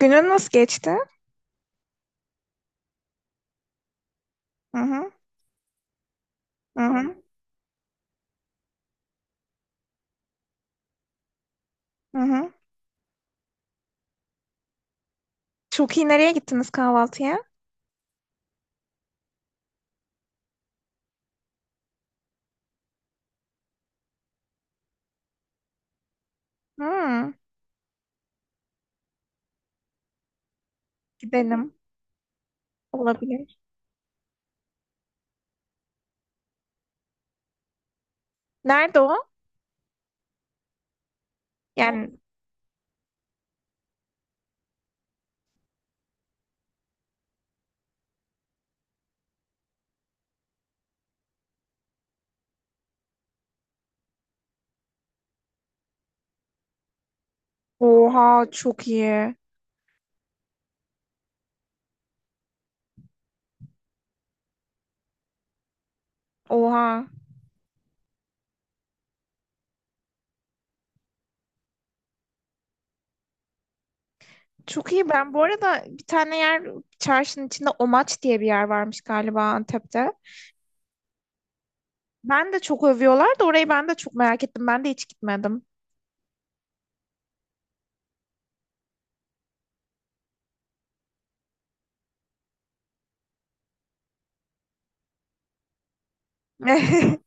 Günün nasıl geçti? Hı hı, hı hı, hı hı. Çok iyi nereye gittiniz kahvaltıya? Hmm, gidelim. Olabilir. Nerede o? Yani oha çok iyi. Oha. Çok iyi. Ben bu arada bir tane yer çarşının içinde Omaç diye bir yer varmış galiba Antep'te. Ben de çok övüyorlar da orayı ben de çok merak ettim. Ben de hiç gitmedim.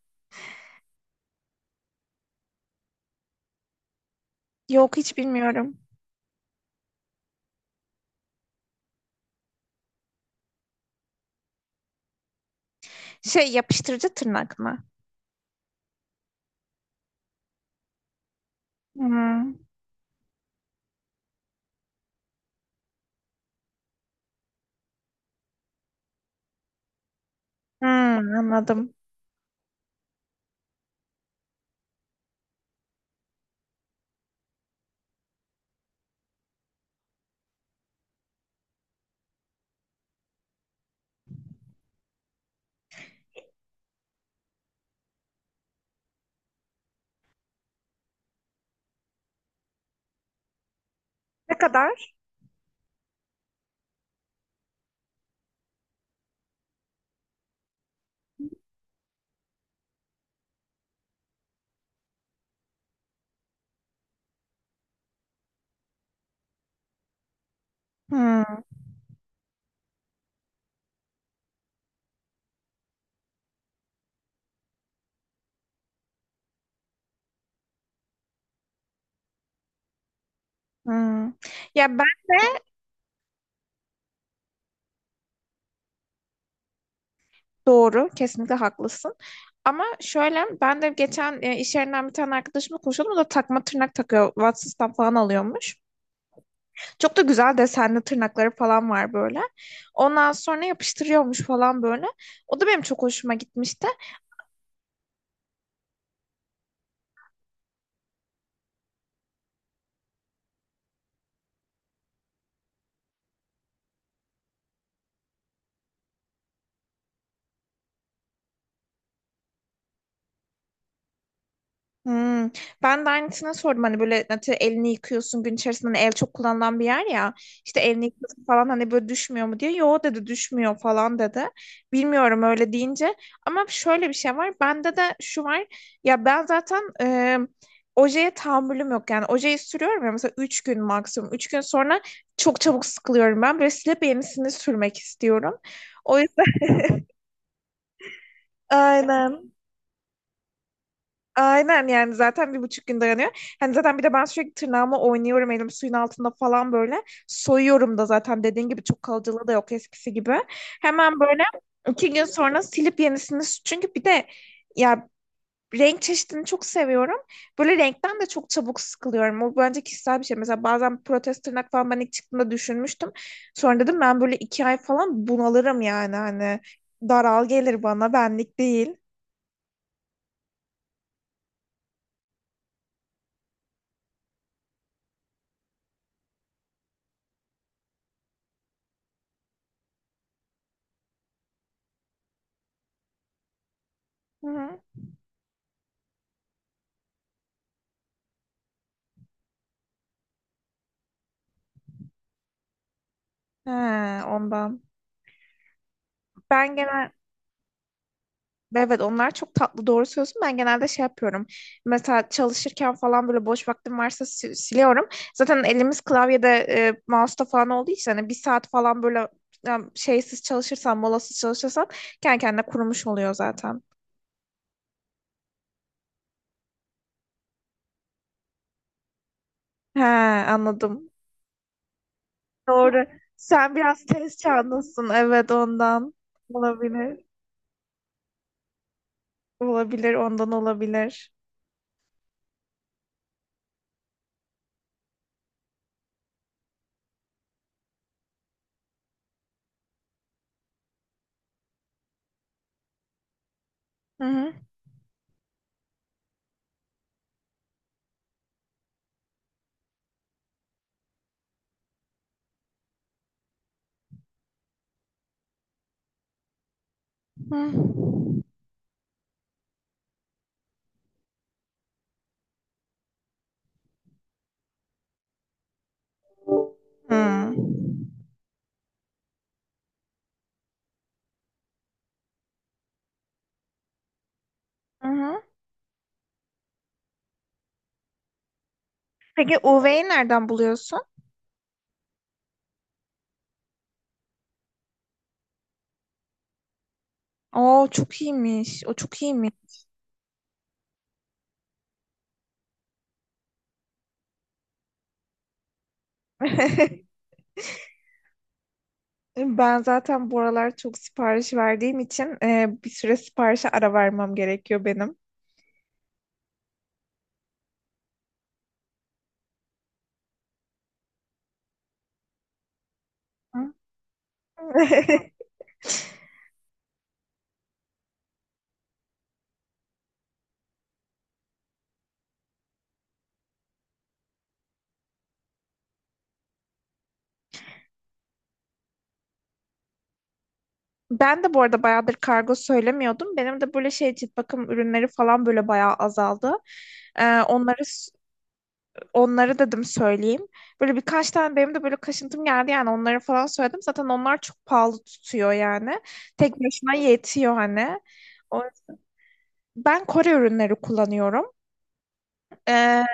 Yok hiç bilmiyorum. Şey yapıştırıcı tırnak mı? Hmm, hmm, anladım. Ne kadar? Hmm. Hmm. Ya ben de doğru, kesinlikle haklısın. Ama şöyle ben de geçen iş yerinden bir tane arkadaşımla konuşuyordum. O da takma tırnak takıyor. Watsons'tan falan alıyormuş. Çok da güzel desenli tırnakları falan var böyle. Ondan sonra yapıştırıyormuş falan böyle. O da benim çok hoşuma gitmişti. Hmm. Ben de aynısına sordum hani böyle atıyorum elini yıkıyorsun gün içerisinde hani el çok kullanılan bir yer ya işte elini yıkıyorsun falan hani böyle düşmüyor mu diye yo dedi düşmüyor falan dedi bilmiyorum öyle deyince ama şöyle bir şey var bende de şu var ya ben zaten ojeye tahammülüm yok yani ojeyi sürüyorum ya mesela 3 gün maksimum. 3 gün sonra çok çabuk sıkılıyorum ben böyle silip yenisini sürmek istiyorum. O yüzden. Aynen. Aynen yani zaten 1,5 gün dayanıyor. Hani zaten bir de ben sürekli tırnağımı oynuyorum elim suyun altında falan böyle. Soyuyorum da zaten dediğin gibi çok kalıcılığı da yok eskisi gibi. Hemen böyle 2 gün sonra silip yenisini çünkü bir de ya renk çeşidini çok seviyorum. Böyle renkten de çok çabuk sıkılıyorum. O bence kişisel bir şey. Mesela bazen protez tırnak falan ben ilk çıktığımda düşünmüştüm. Sonra dedim ben böyle 2 ay falan bunalırım yani. Hani daral gelir bana benlik değil. Hı hı. He, ondan. Ben genel. Evet, onlar çok tatlı, doğru söylüyorsun. Ben genelde şey yapıyorum. Mesela çalışırken falan böyle boş vaktim varsa siliyorum. Zaten elimiz klavyede mouse'da falan olduğu için hani bir saat falan böyle yani şeysiz çalışırsan, molasız çalışırsan kendi kendine kurumuş oluyor zaten. He, anladım. Doğru. Sen biraz tez çağındasın. Evet ondan olabilir. Olabilir, ondan olabilir. Hı hı. Hı. Hı. Hı hı. Peki UV'yi nereden buluyorsun? Oo çok iyiymiş. O çok iyiymiş. Ben zaten bu aralar çok sipariş verdiğim için bir süre siparişe ara vermem gerekiyor benim. Ben de bu arada bayağıdır kargo söylemiyordum. Benim de böyle şey cilt bakım ürünleri falan böyle bayağı azaldı. Onları dedim söyleyeyim. Böyle birkaç tane benim de böyle kaşıntım geldi yani onları falan söyledim. Zaten onlar çok pahalı tutuyor yani. Tek başına yetiyor hani. O- Ben Kore ürünleri kullanıyorum. Ee,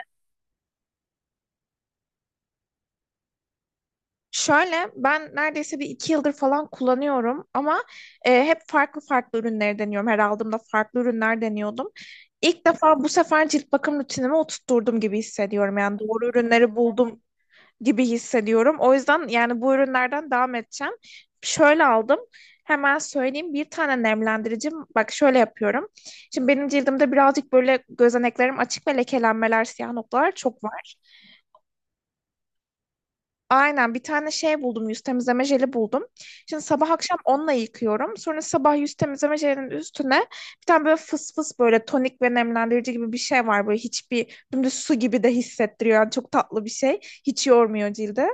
şöyle ben neredeyse bir iki yıldır falan kullanıyorum ama hep farklı farklı ürünleri deniyorum. Her aldığımda farklı ürünler deniyordum. İlk defa bu sefer cilt bakım rutinime oturtturdum gibi hissediyorum. Yani doğru ürünleri buldum gibi hissediyorum. O yüzden yani bu ürünlerden devam edeceğim. Şöyle aldım. Hemen söyleyeyim bir tane nemlendiricim. Bak şöyle yapıyorum. Şimdi benim cildimde birazcık böyle gözeneklerim açık ve lekelenmeler, siyah noktalar çok var. Aynen, bir tane şey buldum, yüz temizleme jeli buldum. Şimdi sabah akşam onunla yıkıyorum. Sonra sabah yüz temizleme jelinin üstüne bir tane böyle fıs fıs böyle tonik ve nemlendirici gibi bir şey var. Böyle hiçbir dümdüz su gibi de hissettiriyor. Yani çok tatlı bir şey. Hiç yormuyor cildi.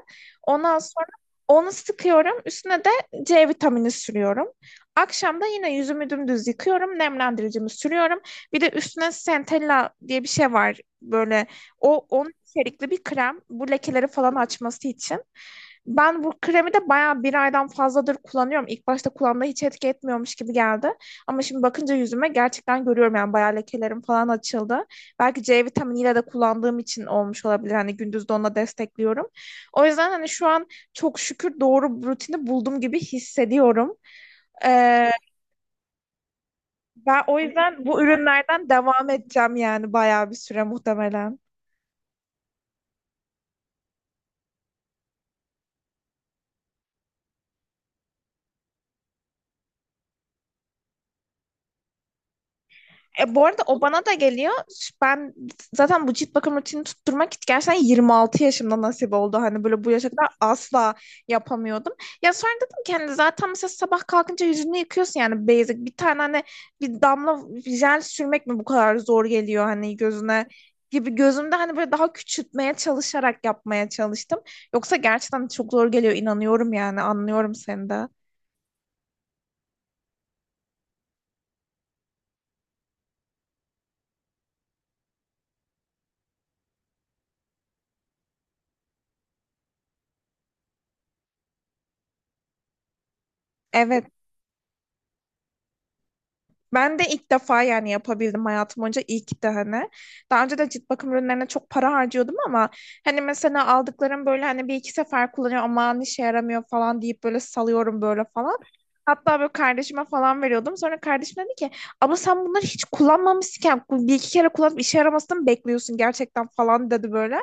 Ondan sonra onu sıkıyorum. Üstüne de C vitamini sürüyorum. Akşam da yine yüzümü dümdüz yıkıyorum. Nemlendiricimi sürüyorum. Bir de üstüne Centella diye bir şey var. Böyle o, onu içerikli bir krem. Bu lekeleri falan açması için. Ben bu kremi de bayağı bir aydan fazladır kullanıyorum. İlk başta kulağımda hiç etki etmiyormuş gibi geldi. Ama şimdi bakınca yüzüme gerçekten görüyorum yani bayağı lekelerim falan açıldı. Belki C vitaminiyle de kullandığım için olmuş olabilir. Hani gündüz de onunla destekliyorum. O yüzden hani şu an çok şükür doğru rutini buldum gibi hissediyorum. Ee, ben o yüzden bu ürünlerden devam edeceğim yani bayağı bir süre muhtemelen. Bu arada o bana da geliyor. Ben zaten bu cilt bakım rutinini tutturmak gerçekten 26 yaşımda nasip oldu. Hani böyle bu yaşa kadar asla yapamıyordum. Ya sonra dedim ki hani zaten mesela sabah kalkınca yüzünü yıkıyorsun yani basic. Bir tane hani bir damla jel sürmek mi bu kadar zor geliyor hani gözüne gibi gözümde hani böyle daha küçültmeye çalışarak yapmaya çalıştım. Yoksa gerçekten çok zor geliyor, inanıyorum yani, anlıyorum seni de. Evet. Ben de ilk defa yani yapabildim hayatım boyunca ilk de hani. Daha önce de cilt bakım ürünlerine çok para harcıyordum ama hani mesela aldıklarım böyle hani bir iki sefer kullanıyor aman işe yaramıyor falan deyip böyle salıyorum böyle falan. Hatta böyle kardeşime falan veriyordum. Sonra kardeşim dedi ki ama sen bunları hiç kullanmamışken bir iki kere kullanıp işe yaramasını mı bekliyorsun gerçekten falan dedi böyle.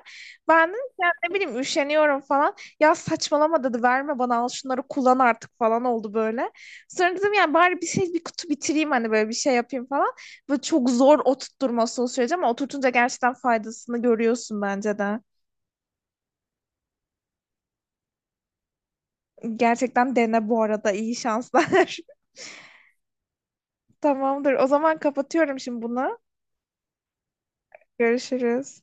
Ben de ya ne bileyim üşeniyorum falan. Ya saçmalama dedi, verme bana, al şunları kullan artık falan oldu böyle. Sonra dedim yani bari bir şey bir kutu bitireyim hani böyle bir şey yapayım falan. Böyle çok zor oturtturması o süreci ama oturtunca gerçekten faydasını görüyorsun bence de. Gerçekten dene bu arada, iyi şanslar. Tamamdır. O zaman kapatıyorum şimdi bunu. Görüşürüz.